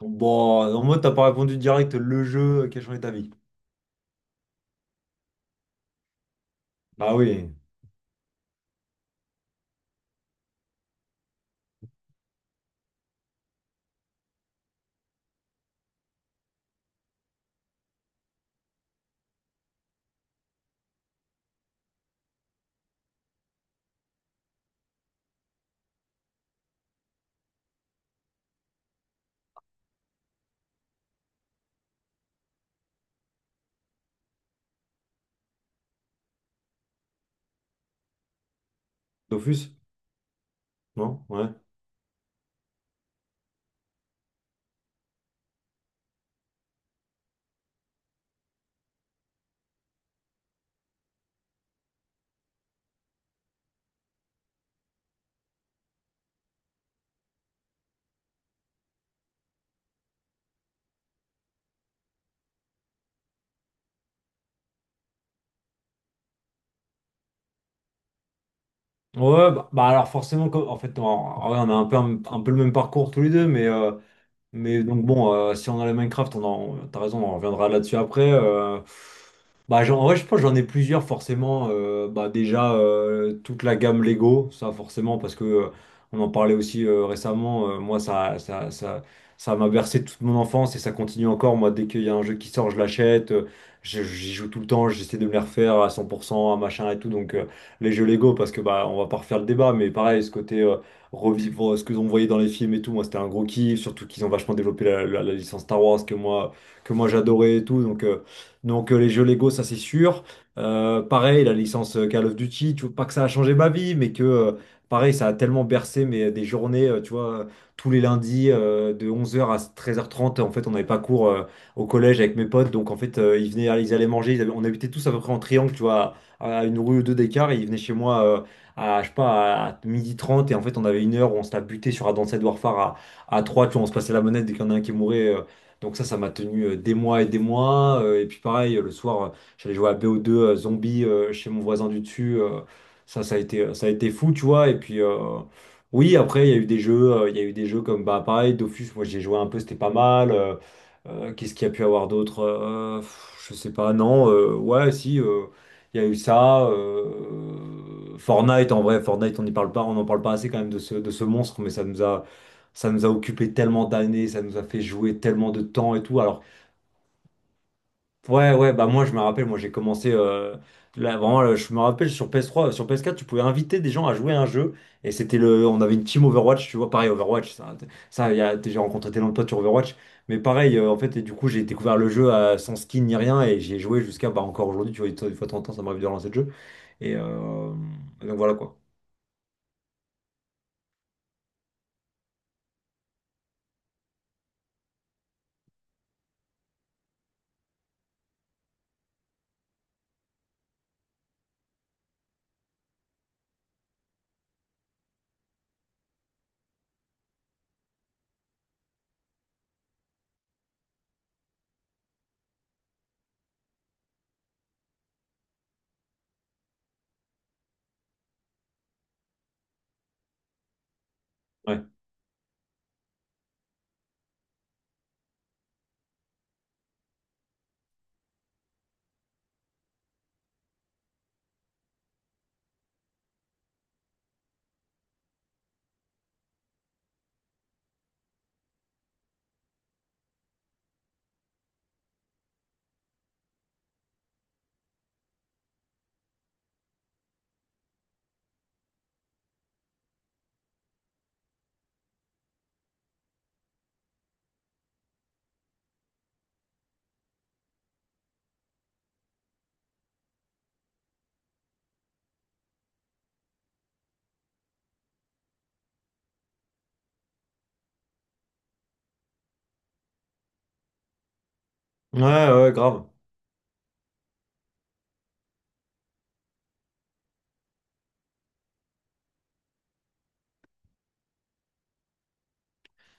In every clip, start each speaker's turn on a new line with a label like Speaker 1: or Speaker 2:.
Speaker 1: Bon, en mode, t'as pas répondu direct le jeu qui a changé ta vie. Bah oui, Dofus, non? Ouais. Ouais, bah alors forcément, en fait, en vrai, on a un peu, un peu le même parcours tous les deux. Mais donc bon, si on a les Minecraft, t'as raison, on reviendra là-dessus après. En vrai, je pense que j'en ai plusieurs forcément. Bah, déjà, toute la gamme Lego, ça forcément, parce que on en parlait aussi récemment. Moi, ça m'a bercé toute mon enfance et ça continue encore. Moi, dès qu'il y a un jeu qui sort, je l'achète. J'y joue tout le temps, j'essaie de me les refaire à 100%, à machin et tout. Donc, les jeux Lego, parce que bah, on va pas refaire le débat, mais pareil, ce côté. Revivre bon, ce que on voyait dans les films et tout. Moi, c'était un gros kiff, surtout qu'ils ont vachement développé la licence Star Wars que moi j'adorais et tout. Donc, les jeux Lego, ça c'est sûr. Pareil, la licence Call of Duty, tu vois, pas que ça a changé ma vie, mais que pareil, ça a tellement bercé des journées, tu vois, tous les lundis de 11 h à 13 h 30. En fait, on n'avait pas cours au collège avec mes potes, donc en fait, ils allaient manger. On habitait tous à peu près en triangle, tu vois, à une rue ou deux d'écart, et ils venaient chez moi. Je sais pas, à midi 30 et en fait on avait une heure où on se la butait sur Advanced Warfare à 3, tu vois, on se passait la manette dès qu'il y en a un qui mourait. Donc ça m'a tenu des mois et des mois. Et puis pareil, le soir, j'allais jouer à BO2 zombie chez mon voisin du dessus. Ça, ça a été fou, tu vois. Et puis oui, après, il y a eu des jeux comme bah pareil, Dofus, moi j'ai joué un peu, c'était pas mal. Qu'est-ce qu'il y a pu avoir d'autre? Pff, je sais pas, non, ouais, si. Il y a eu ça. Fortnite, en vrai, Fortnite, on n'y parle pas, on n'en parle pas assez quand même de ce monstre, mais ça nous a occupé tellement d'années, ça nous a fait jouer tellement de temps et tout. Alors, ouais, ouais, bah moi, je me rappelle, moi, j'ai commencé, là, vraiment, là, je me rappelle sur PS3, sur PS4, tu pouvais inviter des gens à jouer à un jeu, et on avait une team Overwatch, tu vois, pareil, Overwatch, ça, il y a- j'ai rencontré tellement de potes sur Overwatch, mais pareil, en fait, et du coup, j'ai découvert le jeu sans skin ni rien, et j'ai joué jusqu'à, bah, encore aujourd'hui, tu vois, une fois de temps en temps, ça m'arrive de relancer le jeu. Et euh, et donc voilà quoi. Ouais. Ouais, ouais, grave.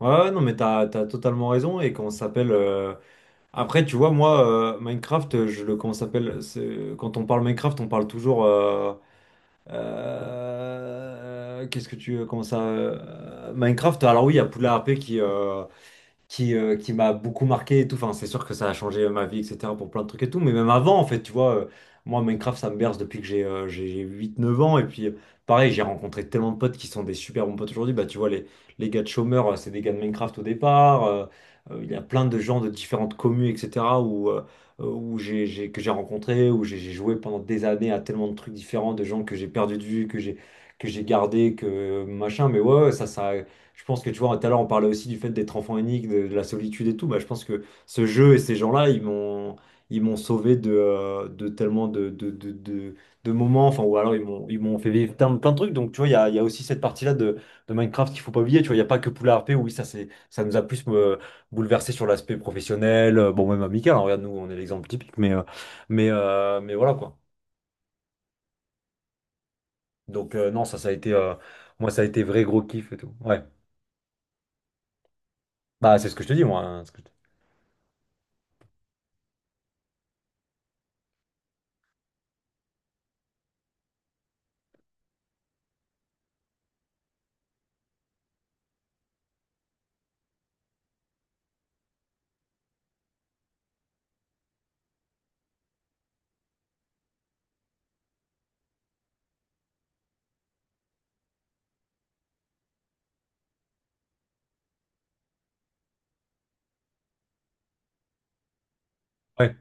Speaker 1: Ouais, ouais, non, mais t'as totalement raison. Et comment ça s'appelle Après, tu vois, moi, Minecraft, je le. Comment ça s'appelle quand on parle Minecraft, on parle toujours. Qu'est-ce que tu. Comment ça Minecraft, alors oui, il y a Poudlard R P qui m'a beaucoup marqué et tout. Enfin, c'est sûr que ça a changé ma vie, etc. pour plein de trucs et tout. Mais même avant, en fait, tu vois, moi, Minecraft, ça me berce depuis que j'ai huit neuf ans. Et puis, pareil, j'ai rencontré tellement de potes qui sont des super bons potes aujourd'hui. Bah, tu vois, les gars de chômeurs, c'est des gars de Minecraft au départ. Il y a plein de gens de différentes communes, etc. où, où j'ai- que j'ai rencontré, où j'ai joué pendant des années à tellement de trucs différents, de gens que j'ai perdu de vue, que j'ai gardé, que machin. Mais ouais, ouais, ça, ça. Je pense que tu vois, tout à l'heure on parlait aussi du fait d'être enfant unique, de la solitude et tout. Bah, je pense que ce jeu et ces gens-là, ils m'ont sauvé de tellement de moments, enfin, ou alors ils m'ont fait vivre plein de trucs. Donc tu vois, il y a aussi cette partie-là de Minecraft qu'il faut pas oublier. Tu vois, il n'y a pas que Poula RP, oui, ça, ça nous a plus bouleversé sur l'aspect professionnel, bon, même amical, hein. Regarde, nous, on est l'exemple typique, mais voilà quoi. Donc non, ça, moi, ça a été vrai gros kiff et tout. Ouais, bah, c'est ce que je te dis, moi, hein, ce que je te- ouais.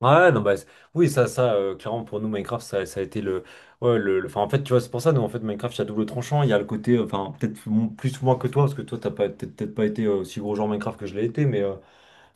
Speaker 1: Ouais, non, bah, oui, ça, clairement, pour nous, Minecraft, ça a été le, ouais, enfin, en fait, tu vois, c'est pour ça, nous, en fait, Minecraft, il y a double tranchant, il y a le côté, enfin, plus ou moins que toi, parce que toi, t'as pas, peut-être pas été aussi gros joueur Minecraft que je l'ai été, mais, euh,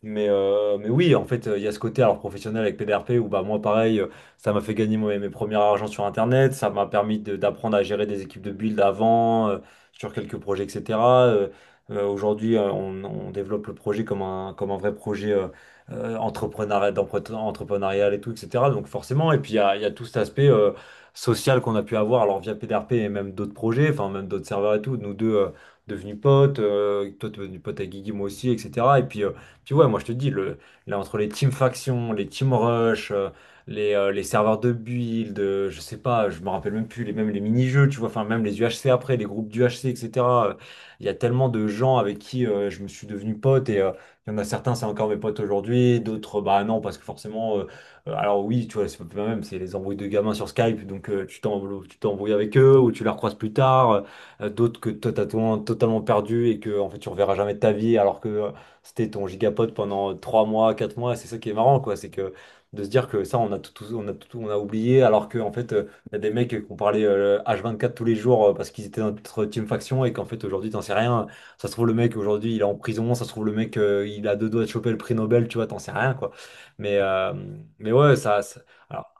Speaker 1: mais, euh, mais oui, en fait, il y a ce côté alors professionnel avec PDRP où bah, moi, pareil, ça m'a fait gagner mes premiers argent sur Internet, ça m'a permis d'apprendre à gérer des équipes de build avant, sur quelques projets, etc. Euh, Aujourd'hui, on développe le projet comme un vrai projet entrepreneurial, entrepreneurial et tout, etc. Donc forcément, et puis il y a tout cet aspect social qu'on a pu avoir alors via PDRP et même d'autres projets, enfin même d'autres serveurs et tout, nous deux devenus potes, toi t'es devenu pote avec Guigui, moi aussi, etc. Et puis puis ouais, moi je te dis, là entre les team factions, les team rush, les serveurs de build, je sais pas, je me rappelle même plus, même les mini-jeux, tu vois, enfin même les UHC après, les groupes d'UHC, etc. euh, Il y a tellement de gens avec qui je me suis devenu pote et il y en a certains, c'est encore mes potes aujourd'hui, d'autres, bah non, parce que forcément, alors oui, tu vois, c'est pas même, c'est les embrouilles de gamins sur Skype, donc tu t'embrouilles avec eux ou tu les recroises plus tard. D'autres que toi t'as totalement totalement perdu et que en fait tu reverras jamais de ta vie alors que c'était ton gigapod pendant 3 mois, 4 mois. C'est ça qui est marrant, quoi. C'est que de se dire que ça, on a tout, on a oublié, alors qu'en fait, il y a des mecs qu'on parlait H24 tous les jours parce qu'ils étaient dans notre team faction et qu'en fait, aujourd'hui, t'en sais rien. Ça se trouve, le mec, aujourd'hui, il est en prison. Ça se trouve, le mec, il a deux doigts de choper le prix Nobel, tu vois, t'en sais rien, quoi. Mais, euh, mais ouais, alors,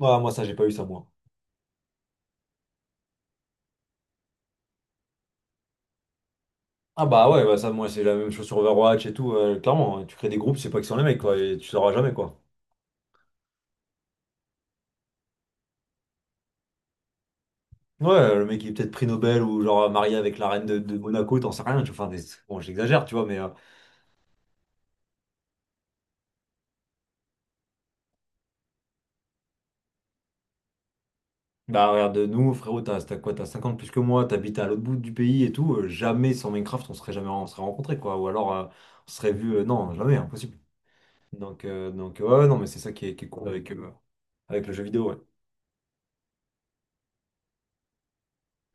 Speaker 1: ouais, moi, ça, j'ai pas eu ça, moi. Ah bah ouais, bah ça moi c'est la même chose sur Overwatch et tout, clairement, hein. Tu crées des groupes, c'est pas que sur les mecs quoi, et tu sauras jamais quoi. Ouais, le mec qui est peut-être prix Nobel ou genre marié avec la reine de Monaco, t'en sais rien. Tu vois, enfin, bon, j'exagère, tu vois, mais bah regarde, nous, frérot, t'as quoi, t'as 50 plus que moi, t'habites à l'autre bout du pays et tout. Jamais sans Minecraft, on serait jamais on serait rencontrés, quoi. Ou alors, on serait vu, non, jamais, impossible. Donc, ouais, non, mais c'est ça qui est, cool avec le jeu vidéo, ouais.